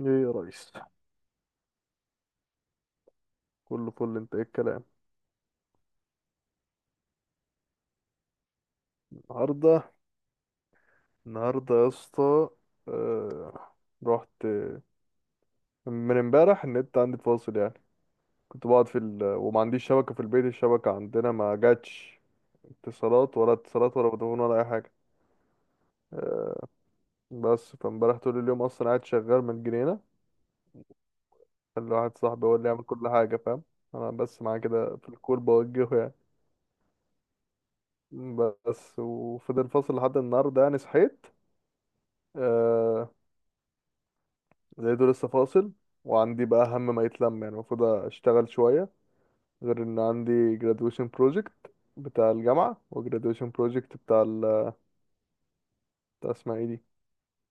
ايه يا ريس، كله فل. انت ايه الكلام؟ النهارده النهارده يا اسطى. آه... رحت من امبارح النت عندي فاصل يعني. كنت بقعد في وما عنديش شبكه في البيت، الشبكه عندنا ما جاتش. اتصالات ولا اتصالات ولا فودافون ولا اي حاجه. آه، بس فامبارح طول اليوم اصلا قاعد شغال من جنينه اللي واحد صاحبي هو اللي يعمل كل حاجه، فاهم؟ انا بس معاه كده في الكور بوجهه يعني. بس وفضل فاصل لحد النهارده يعني. صحيت. آه، زي دول لسه فاصل. وعندي بقى هم ما يتلم يعني، المفروض اشتغل شوية. غير ان عندي graduation project بتاع الجامعة، و graduation project بتاع بتاع اسمها ايه دي،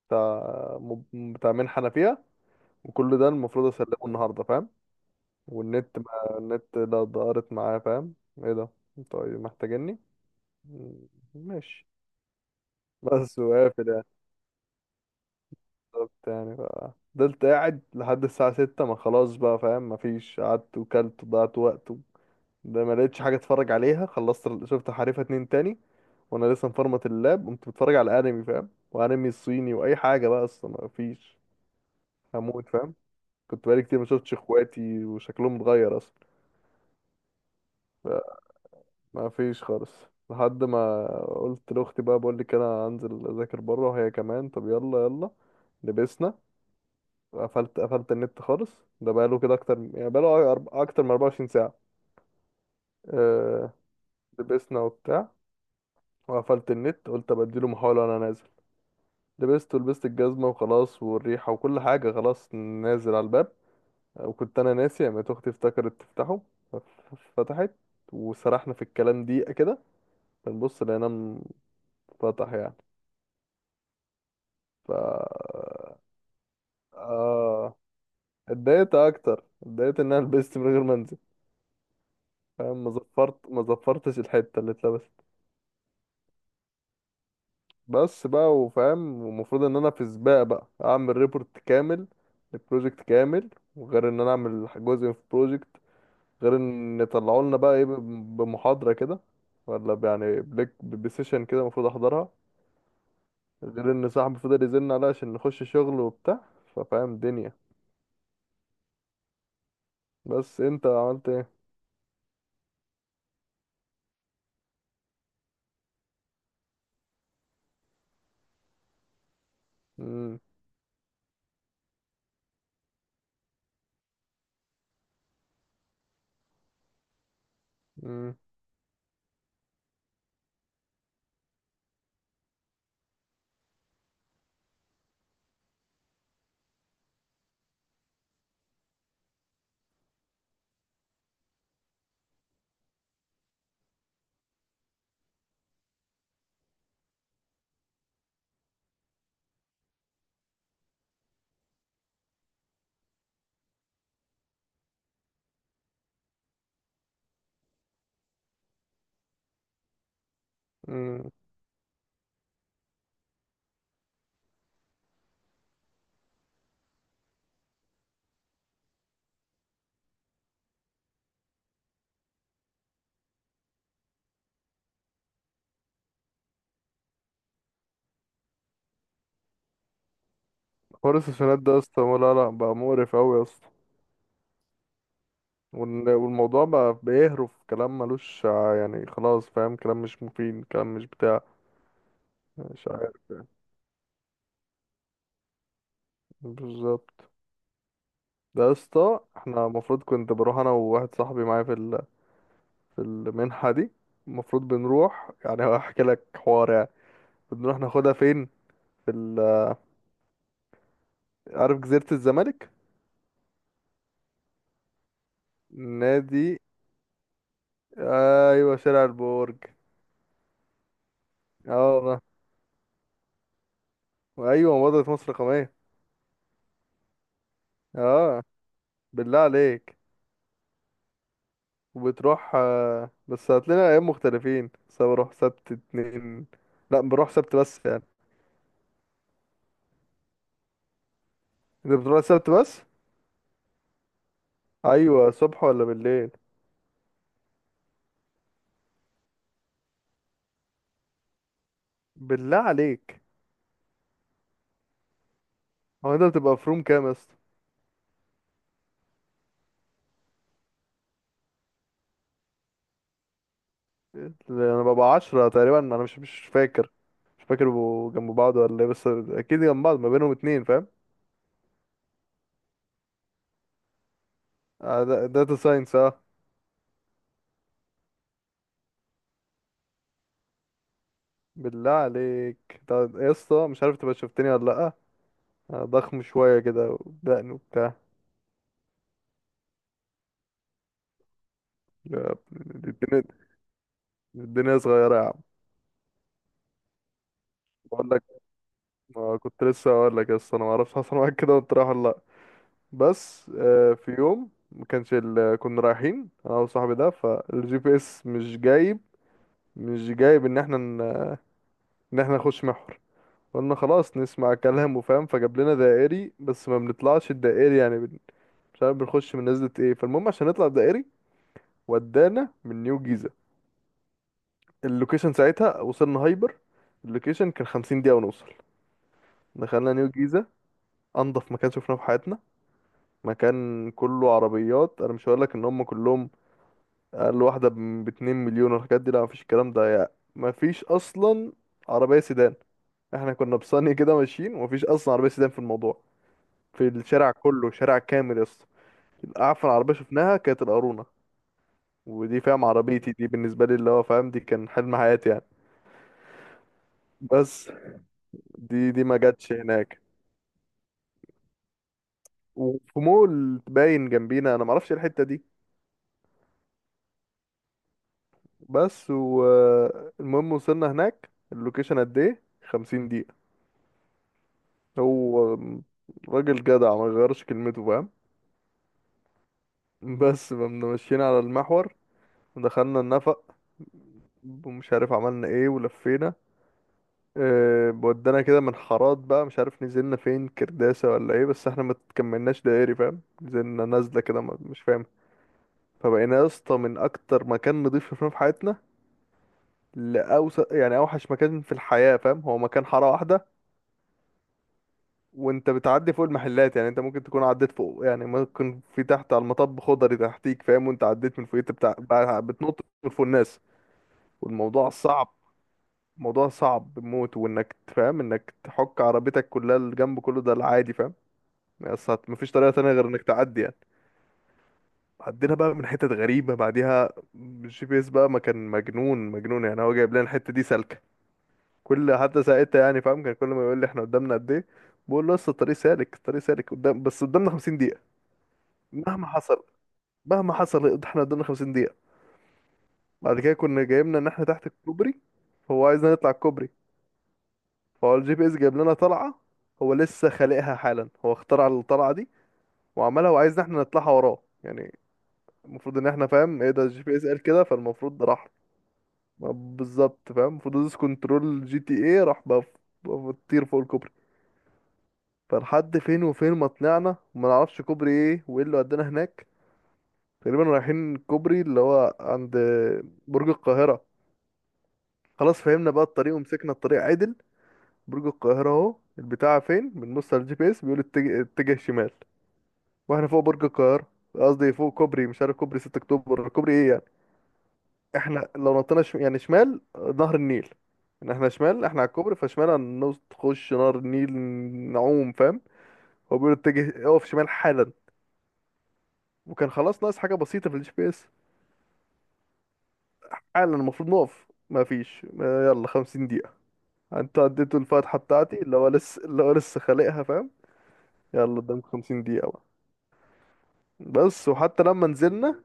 بتاع، مب- بتاع منحة انا فيها. وكل ده المفروض اسلمه النهاردة، فاهم؟ والنت، ما النت ده ضارت معايا، فاهم؟ ايه ده، انتوا إيه محتاجيني؟ م- ماشي. بس وقافل يعني. بالظبط يعني. فضلت قاعد لحد الساعة ستة ما خلاص بقى، فاهم؟ مفيش. قعدت وكلت وضيعت وقت. ده ما لقيتش حاجه اتفرج عليها. خلصت شفت حريفه اتنين تاني وانا لسه مفرمط اللاب. قمت بتفرج على انمي، فاهم؟ وانمي الصيني واي حاجه بقى، اصلا ما فيش هموت، فاهم؟ كنت بقالي كتير ما شفتش اخواتي وشكلهم اتغير اصلا. فما فيش خالص لحد ما قلت لاختي بقى، بقول لك انا هنزل اذاكر بره، وهي كمان طب يلا يلا. لبسنا. قفلت النت خالص، ده بقاله كده اكتر يعني، بقاله اكتر من 24 ساعه. أه. لبسنا وبتاع، وقفلت النت، قلت ابديله محاولة وانا نازل. لبست، ولبست الجزمة وخلاص والريحة وكل حاجة، خلاص نازل على الباب. وكنت أنا ناسي، قامت أختي افتكرت تفتحه. ف- فتحت، وسرحنا في الكلام دقيقة كده. بنبص لقيناه انفتح يعني. ف، آه. اتضايقت أكتر، إن أنا لبست من غير ما أنزل، فاهم؟ ما زفرتش الحتة اللي اتلبست بس بقى، وفاهم. ومفروض إن أنا في سباق بقى، أعمل ريبورت كامل، البروجكت كامل. وغير إن أنا أعمل جزء في بروجكت، غير ان يطلعوا لنا بقى ايه، بمحاضرة كده، ولا يعني بليك بسيشن كده، المفروض احضرها. غير ان صاحبي فضل يزن عليا عشان نخش شغل وبتاع، ففاهم دنيا. بس انت عملت ايه؟ مم، مم، مم. حوار السيشنات ده يا اسطى، لا لا، بقى مقرف قوي يا اسطى. والموضوع بقى بيهرف كلام ملوش يعني، خلاص فاهم، كلام مش مفيد، كلام مش بتاع. مش عارف. بالظبط. ده يا اسطى احنا المفروض كنت بروح انا وواحد صاحبي معايا في، في المنحة دي. المفروض بنروح يعني، هحكي لك حوار يعني. بنروح ناخدها فين؟ في عارف جزيرة الزمالك؟ نادي، ايوه شارع البرج. اه والله. وايوه، مباراة مصر الرقمية. اه. بالله عليك. وبتروح، بس هات لنا ايام مختلفين. بس أنا بروح سبت اتنين. لا بروح سبت بس يعني. انت بتروح سبت بس؟ ايوه، صبح ولا بالليل؟ بالله عليك. هو انت بتبقى في روم كام يا اسطى؟ انا ببقى عشرة تقريبا، انا مش فاكر. مش فاكر بيبقوا جنب بعض ولا ايه، بس اكيد جنب بعض، ما بينهم اتنين، فاهم؟ داتا ساينس، اه. بالله عليك، طب يا اسطى مش عارف تبقى شفتني ولا لا. أنا ضخم شوية كده ودقن وبتاع. يا ابني، الدنيا، الدنيا صغيرة يا عم. بقول لك. ما كنت لسه هقول لك يا اسطى، انا ما اعرفش حصل معاك كده وانت رايح ولا لا. بس في يوم، ما كانش كنا رايحين انا وصاحبي ده، فالجي بي اس مش جايب ان احنا، ان احنا نخش محور. قلنا خلاص نسمع كلام وفاهم، فجاب لنا دائري، بس ما بنطلعش الدائري يعني، مش عارف بنخش من نزلة ايه، فالمهم عشان نطلع دائري، ودانا من نيو جيزة. اللوكيشن ساعتها وصلنا هايبر. اللوكيشن كان خمسين دقيقة ونوصل. دخلنا نيو جيزة، انضف مكان شفناه في حياتنا. مكان كله عربيات، انا مش هقولك ان هم كلهم اقل واحدة باتنين مليون. والحاجات دي، لا مفيش الكلام ده يعني، مفيش اصلا عربية سيدان. احنا كنا بصني كده ماشيين، ومفيش اصلا عربية سيدان في الموضوع، في الشارع كله، شارع كامل يا اسطى. اعفن عربيه شفناها كانت القارونه. ودي، فاهم، عربيتي دي بالنسبه لي اللي هو فاهم، دي كان حلم حياتي يعني. بس دي ما جاتش هناك. وفي مول باين جنبينا، انا ما اعرفش إيه الحته دي. بس والمهم، وصلنا هناك اللوكيشن قد ايه 50 دقيقه. هو راجل جدع، ما غيرش كلمته، فاهم؟ بس فمنا ماشيين على المحور، دخلنا النفق، ومش عارف عملنا ايه ولفينا. ودانا كده من حارات بقى، مش عارف نزلنا فين، كرداسة ولا ايه، بس احنا ما تكملناش دائري، فاهم؟ نزلنا نازلة كده، مش فاهم. فبقينا يا اسطى من اكتر مكان نضيف شفناه في حياتنا لأوسط يعني اوحش مكان في الحياة، فاهم؟ هو مكان حارة واحدة، وانت بتعدي فوق المحلات يعني. انت ممكن تكون عديت فوق يعني، ممكن في تحت على المطب خضري تحتيك، فاهم؟ وانت عديت من فوقيت بتاع بقى، بتنط من فوق الناس. والموضوع صعب، موضوع صعب بموت. وانك تفهم انك تحك عربيتك كلها، الجنب كله، ده العادي، فاهم؟ بس مفيش طريقة تانية غير انك تعدي يعني. عدينا بقى من حتت غريبة بعديها. الجي بي اس بقى ما كان مجنون يعني، هو جايب لنا الحتة دي سالكة كل حتى ساعتها يعني، فاهم؟ كان كل ما يقول لي احنا قدامنا قد ايه، بقول له لسه الطريق سالك، الطريق سالك قدام، بس قدامنا 50 دقيقة. مهما حصل مهما حصل احنا قدامنا 50 دقيقة. بعد كده كنا جايبنا ان احنا تحت الكوبري، فهو عايزنا نطلع الكوبري. فهو الجي بي اس جايب لنا طلعة، هو لسه خالقها حالا، هو اخترع الطلعة دي وعملها، وعايزنا احنا نطلعها وراه يعني. المفروض ان احنا فاهم ايه ده، الجي بي اس قال كده فالمفروض راح. بالظبط، فاهم؟ المفروض دوس كنترول جي تي ايه راح بقى، بقى بتطير فوق الكوبري. فلحد فين وفين ما طلعنا، وما نعرفش كوبري ايه وايه اللي ودانا هناك. تقريبا رايحين كوبري اللي هو عند برج القاهرة. خلاص فهمنا بقى الطريق ومسكنا الطريق عدل. برج القاهرة اهو البتاع فين، بنبص على الجي بي اس بيقول اتجه، اتجه شمال، واحنا فوق برج القاهرة. قصدي فوق كوبري، مش عارف كوبري 6 اكتوبر كوبري ايه يعني. احنا لو نطينا يعني شمال، نهر النيل. ان احنا شمال، احنا على الكوبري، فشمال هنخش نهر النيل، نعوم، فاهم؟ هو بيقول اتجه، اقف شمال حالا، وكان خلاص ناقص حاجه بسيطه في الجي بي اس. حالا المفروض نقف، ما فيش يلا 50 دقيقه. انت اديته الفتحه بتاعتي، اللي هو لسه، اللي هو لسه خالقها، فاهم؟ يلا قدامك 50 دقيقه بقى. بس وحتى لما نزلنا،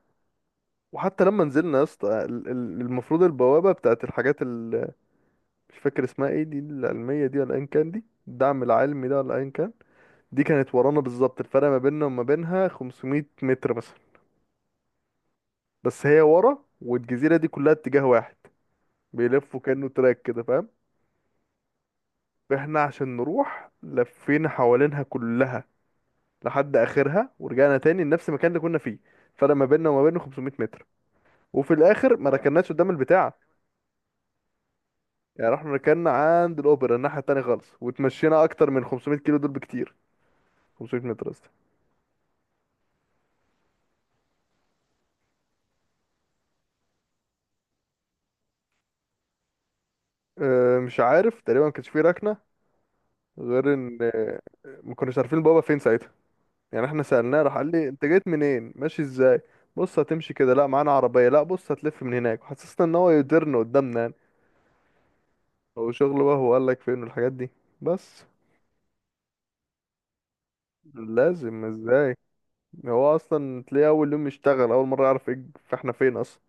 وحتى لما نزلنا يا اسطى، المفروض البوابه بتاعت الحاجات، مش فاكر اسمها ايه دي، العلمية دي ولا ايا كان، دي الدعم العلمي ده ولا ايا كان، دي كانت ورانا بالظبط، الفرق ما بيننا وما بينها 500 متر مثلا. بس هي ورا، والجزيرة دي كلها اتجاه واحد، بيلفوا كأنه تراك كده، فاهم؟ فاحنا عشان نروح لفينا حوالينها كلها، لحد اخرها ورجعنا تاني لنفس المكان اللي كنا فيه. الفرق ما بيننا وما بينه 500 متر. وفي الاخر ما ركناش قدام البتاع يعني، رحنا ركنا عند الاوبرا الناحية التانية خالص، وتمشينا اكتر من 500 كيلو، دول بكتير 500 متر بس. مش عارف، تقريبا ما كانش فيه ركنه. غير ان ما كناش عارفين بابا فين ساعتها. يعني احنا سالناه، راح قال لي انت جيت منين، ماشي ازاي، بص هتمشي كده، لا معانا عربيه، لا بص هتلف من هناك، حسسنا ان هو يديرنا قدامنا يعني. هو شغله بقى، هو قال لك فين والحاجات دي. بس لازم ازاي، هو اصلا تلاقيه اول يوم يشتغل اول مره، يعرف ايه فاحنا فين اصلا.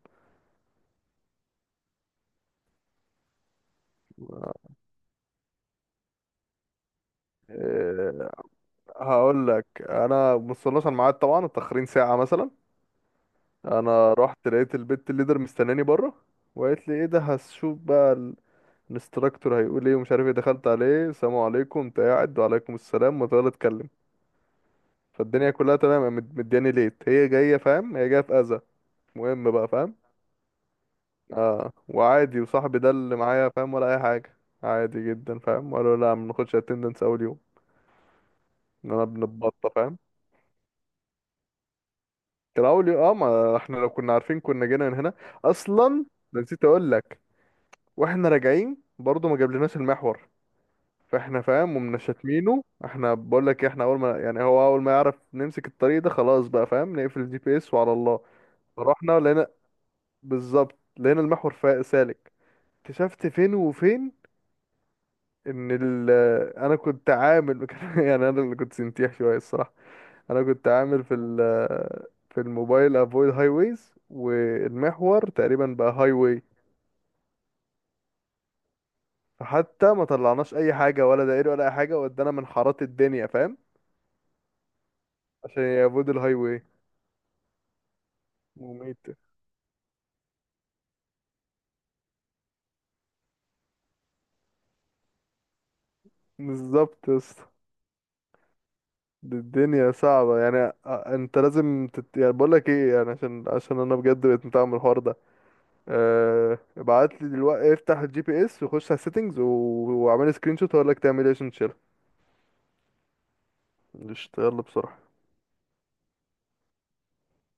آه، هقول لك انا وصلناش على الميعاد طبعا، متاخرين ساعه مثلا. انا رحت لقيت البت الليدر مستناني بره، وقالت لي ايه ده، هشوف بقى الانستراكتور هيقول ايه ومش عارف ايه. دخلت عليه السلام عليكم، انت قاعد، وعليكم السلام، وتقعد اتكلم. فالدنيا كلها تمام، قامت مدياني ليت هي جايه، فاهم؟ هي جايه في اذى. مهم بقى، فاهم؟ اه وعادي، وصاحبي ده اللي معايا، فاهم ولا اي حاجه. عادي جدا، فاهم؟ قالوا لا ما بناخدش اتندنس اول يوم. ان انا بنتبطى، فاهم؟ كان اول يوم، اه. ما احنا لو كنا عارفين كنا جينا من هنا اصلا. نسيت اقول لك، واحنا راجعين برضو ما جابلناش المحور. فاحنا فاهم ومن شاتمينه احنا، بقول لك احنا اول ما يعني، هو اول ما يعرف نمسك الطريق ده خلاص بقى، فاهم؟ نقفل الجي بي اس وعلى الله. فرحنا لقينا، بالظبط لقينا المحور سالك. اكتشفت فين وفين ان ال، انا كنت عامل يعني، انا اللي كنت سنتيح شويه الصراحه. انا كنت عامل في ال، في الموبايل افويد هاي ويز، والمحور تقريبا بقى هاي واي. فحتى ما طلعناش اي حاجه ولا دائري ولا اي حاجه، ودانا من حارات الدنيا، فاهم؟ عشان يافويد الهاي واي. مميت. بالظبط يا اسطى. دي الدنيا صعبة يعني. انت لازم يعني بقول لك ايه يعني، عشان، عشان انا بجد بقيت متعب من الحوار ده. ابعت لي دلوقتي، افتح الجي بي اس وخش على السيتنج واعمل سكرين شوت، هقول لك تعمل ايه عشان تشيلها. قشطة، يلا بسرعة.